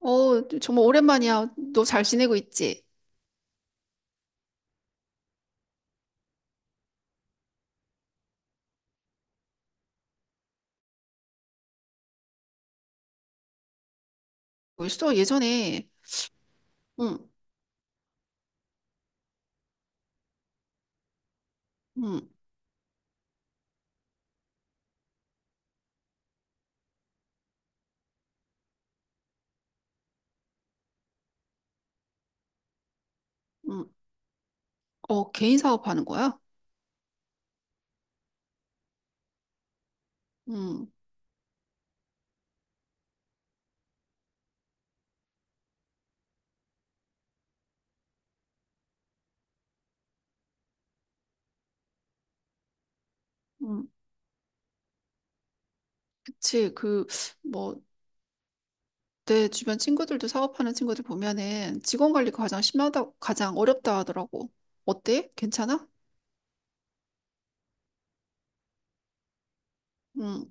어, 정말 오랜만이야. 너 잘 지내고 있지? 벌써 예전에, 응, 응, 응, 어, 개인 사업하는 거야? 응, 응, 그치. 그, 뭐, 내 주변 친구들도 사업하는 친구들 보면은 직원 관리가 가장 심하다, 가장 어렵다 하더라고. 어때? 괜찮아? 응,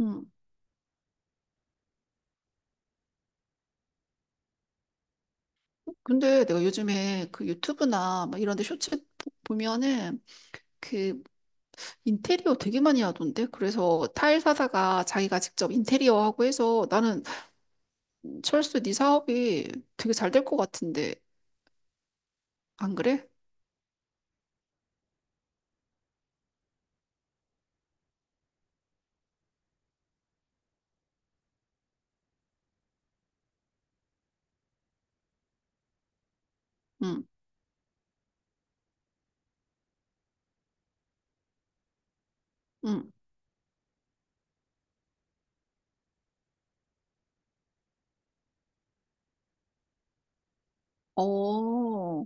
응. 근데 내가 요즘에 그 유튜브나 막 이런 데 쇼츠 보면은 그 인테리어 되게 많이 하던데? 그래서 타일 사다가 자기가 직접 인테리어 하고 해서 나는 철수, 네 사업이 되게 잘 될 것 같은데, 안 그래? 응, 응. 어,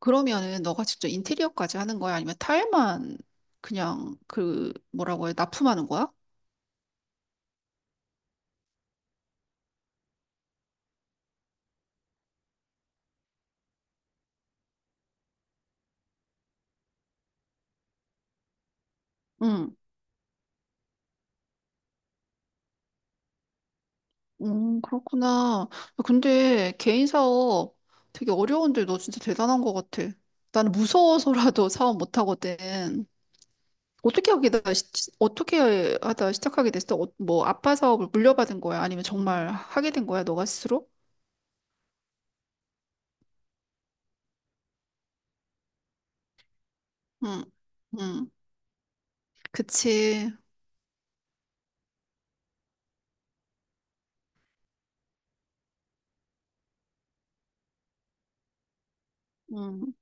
그러면은 너가 직접 인테리어까지 하는 거야? 아니면 타일만 그냥 그, 뭐라고 해, 납품하는 거야? 응, 그렇구나. 근데 개인 사업 되게 어려운데 너 진짜 대단한 것 같아. 나는 무서워서라도 사업 못 하거든. 어떻게 하게다 어떻게 하다 시작하게 됐어? 어, 뭐 아빠 사업을 물려받은 거야? 아니면 정말 하게 된 거야? 너가 스스로? 응, 응, 그치. 응.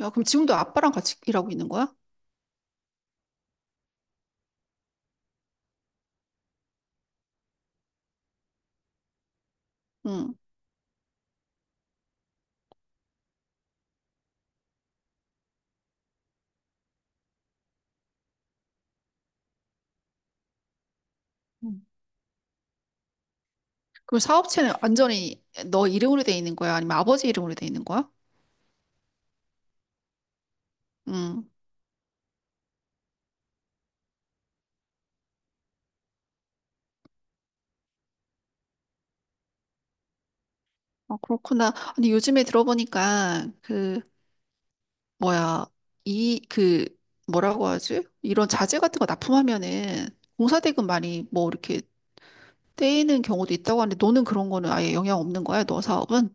야, 그럼 지금도 아빠랑 같이 일하고 있는 거야? 응. 응. 그럼 사업체는 완전히 너 이름으로 돼 있는 거야? 아니면 아버지 이름으로 돼 있는 거야? 응. 아, 그렇구나. 아니, 요즘에 들어보니까, 그, 뭐야, 이, 그, 뭐라고 하지? 이런 자재 같은 거 납품하면은 공사대금 많이 뭐 이렇게 떼이는 경우도 있다고 하는데, 너는 그런 거는 아예 영향 없는 거야? 너 사업은?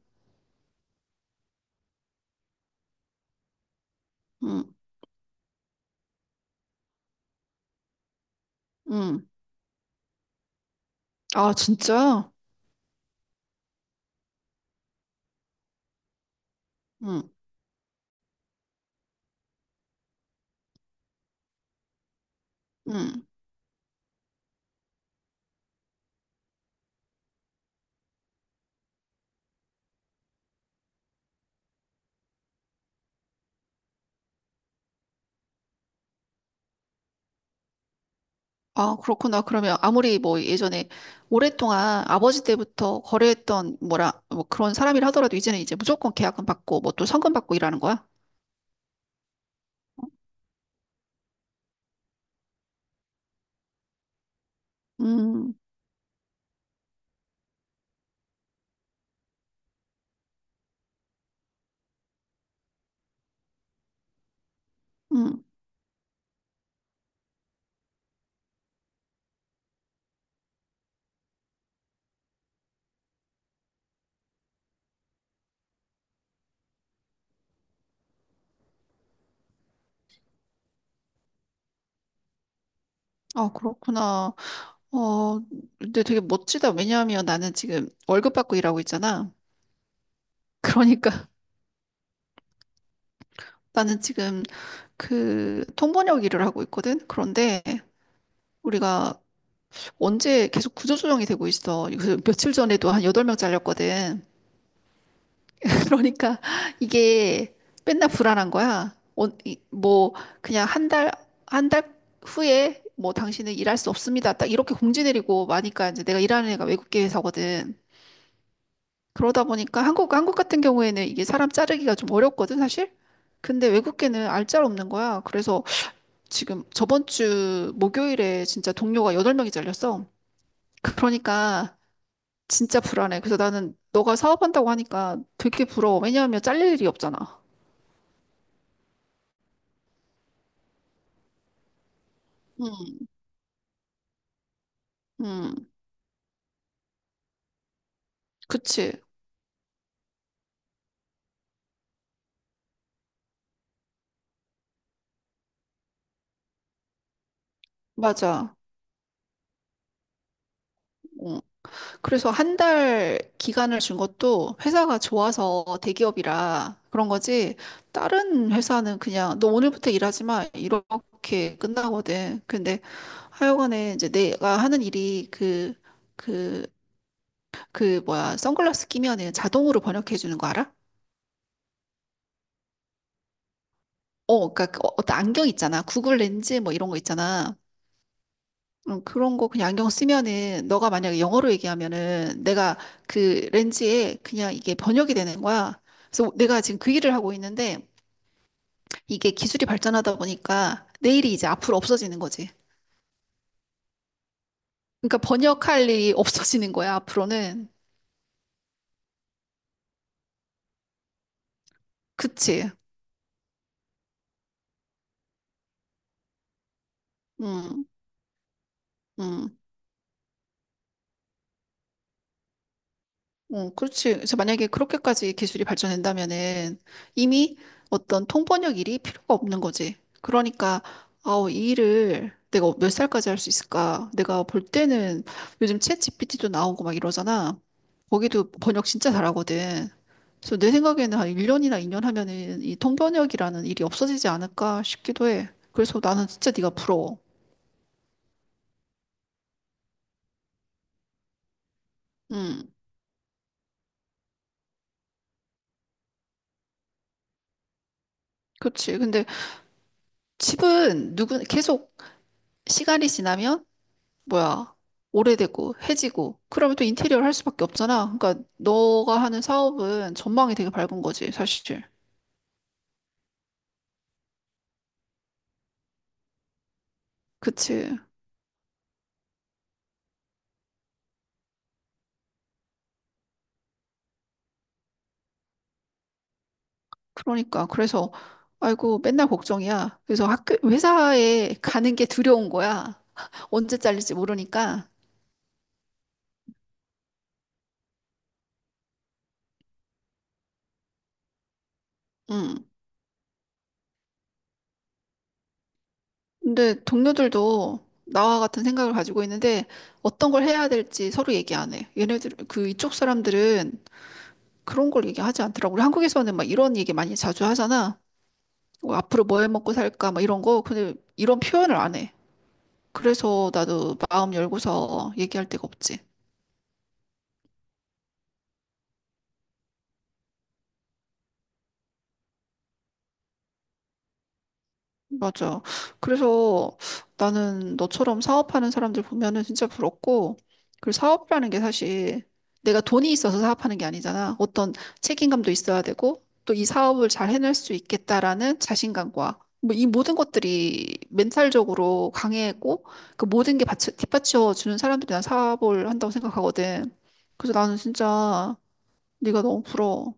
응, 응. 아, 진짜? 응, 응. 아, 그렇구나. 그러면 아무리 뭐 예전에 오랫동안 아버지 때부터 거래했던 뭐라, 뭐 그런 사람이라 하더라도 이제는 이제 무조건 계약금 받고 뭐 또 성금 받고 일하는 거야? 음, 음. 아, 그렇구나. 어, 근데 되게 멋지다. 왜냐하면 나는 지금 월급 받고 일하고 있잖아. 그러니까 나는 지금 그 통번역 일을 하고 있거든. 그런데 우리가 언제 계속 구조조정이 되고 있어. 그래서 며칠 전에도 한 8명 잘렸거든. 그러니까 이게 맨날 불안한 거야. 어, 뭐 그냥 한 달 후에 뭐 당신은 일할 수 없습니다. 딱 이렇게 공지 내리고 마니까 이제 내가 일하는 애가 외국계 회사거든. 그러다 보니까 한국 같은 경우에는 이게 사람 자르기가 좀 어렵거든, 사실. 근데 외국계는 알짤 없는 거야. 그래서 지금 저번 주 목요일에 진짜 동료가 8명이 잘렸어. 그러니까 진짜 불안해. 그래서 나는 너가 사업한다고 하니까 되게 부러워. 왜냐하면 잘릴 일이 없잖아. 음, 그치. 맞아. 어. 그래서 한 달 기간을 준 것도 회사가 좋아서 대기업이라 그런 거지. 다른 회사는 그냥 너 오늘부터 일하지 마. 이렇게 끝나거든. 근데 하여간에 이제 내가 하는 일이 그, 그 뭐야. 선글라스 끼면은 자동으로 번역해 주는 거 알아? 어, 그러니까 그 어떤 안경 있잖아. 구글 렌즈 뭐 이런 거 있잖아. 그런 거 그냥 안경 쓰면은 너가 만약에 영어로 얘기하면은 내가 그 렌즈에 그냥 이게 번역이 되는 거야. 그래서 내가 지금 그 일을 하고 있는데 이게 기술이 발전하다 보니까 내일이 이제 앞으로 없어지는 거지. 그러니까 번역할 일이 없어지는 거야, 앞으로는. 그치? 음, 음. 어, 그렇지. 그래서 만약에 그렇게까지 기술이 발전된다면은 이미 어떤 통번역 일이 필요가 없는 거지. 그러니까, 아우, 이 일을 내가 몇 살까지 할 수 있을까? 내가 볼 때는 요즘 챗 GPT도 나오고 막 이러잖아. 거기도 번역 진짜 잘하거든. 그래서 내 생각에는 한 1년이나 2년 하면은 이 통번역이라는 일이 없어지지 않을까 싶기도 해. 그래서 나는 진짜 네가 부러워. 음, 그렇지. 근데 집은 누구 계속 시간이 지나면 뭐야, 오래되고, 해지고, 그러면 또 인테리어를 할 수밖에 없잖아. 그러니까, 너가 하는 사업은 전망이 되게 밝은 거지, 사실. 그치. 그러니까, 그래서, 아이고, 맨날 걱정이야. 그래서 학교, 회사에 가는 게 두려운 거야. 언제 잘릴지 모르니까. 음. 근데 동료들도 나와 같은 생각을 가지고 있는데, 어떤 걸 해야 될지 서로 얘기 안 해. 얘네들, 그 이쪽 사람들은 그런 걸 얘기하지 않더라고. 우리 한국에서는 막 이런 얘기 많이 자주 하잖아. 뭐 앞으로 뭐 해 먹고 살까 막 이런 거 근데 이런 표현을 안 해. 그래서 나도 마음 열고서 얘기할 데가 없지. 맞아. 그래서 나는 너처럼 사업하는 사람들 보면은 진짜 부럽고, 그 사업이라는 게 사실 내가 돈이 있어서 사업하는 게 아니잖아. 어떤 책임감도 있어야 되고, 또 이 사업을 잘 해낼 수 있겠다라는 자신감과, 뭐 이 모든 것들이 멘탈적으로 강해고, 그 모든 게 받쳐, 뒷받쳐 주는 사람들이 난 사업을 한다고 생각하거든. 그래서 나는 진짜 네가 너무 부러워.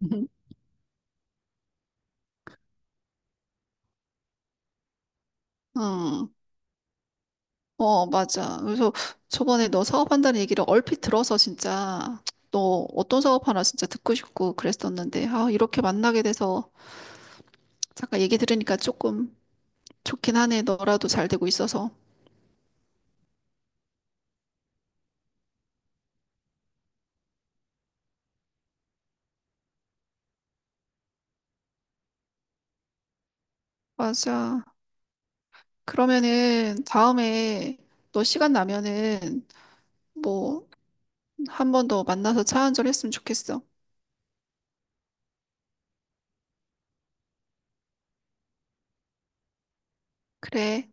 응. 어, 맞아. 그래서 저번에 너 사업한다는 얘기를 얼핏 들어서 진짜 너 어떤 사업 하나 진짜 듣고 싶고 그랬었는데, 아, 이렇게 만나게 돼서 잠깐 얘기 들으니까 조금 좋긴 하네. 너라도 잘 되고 있어서. 맞아. 그러면은 다음에 너 시간 나면은 뭐 한 번 더 만나서 차 한잔 했으면 좋겠어. 그래.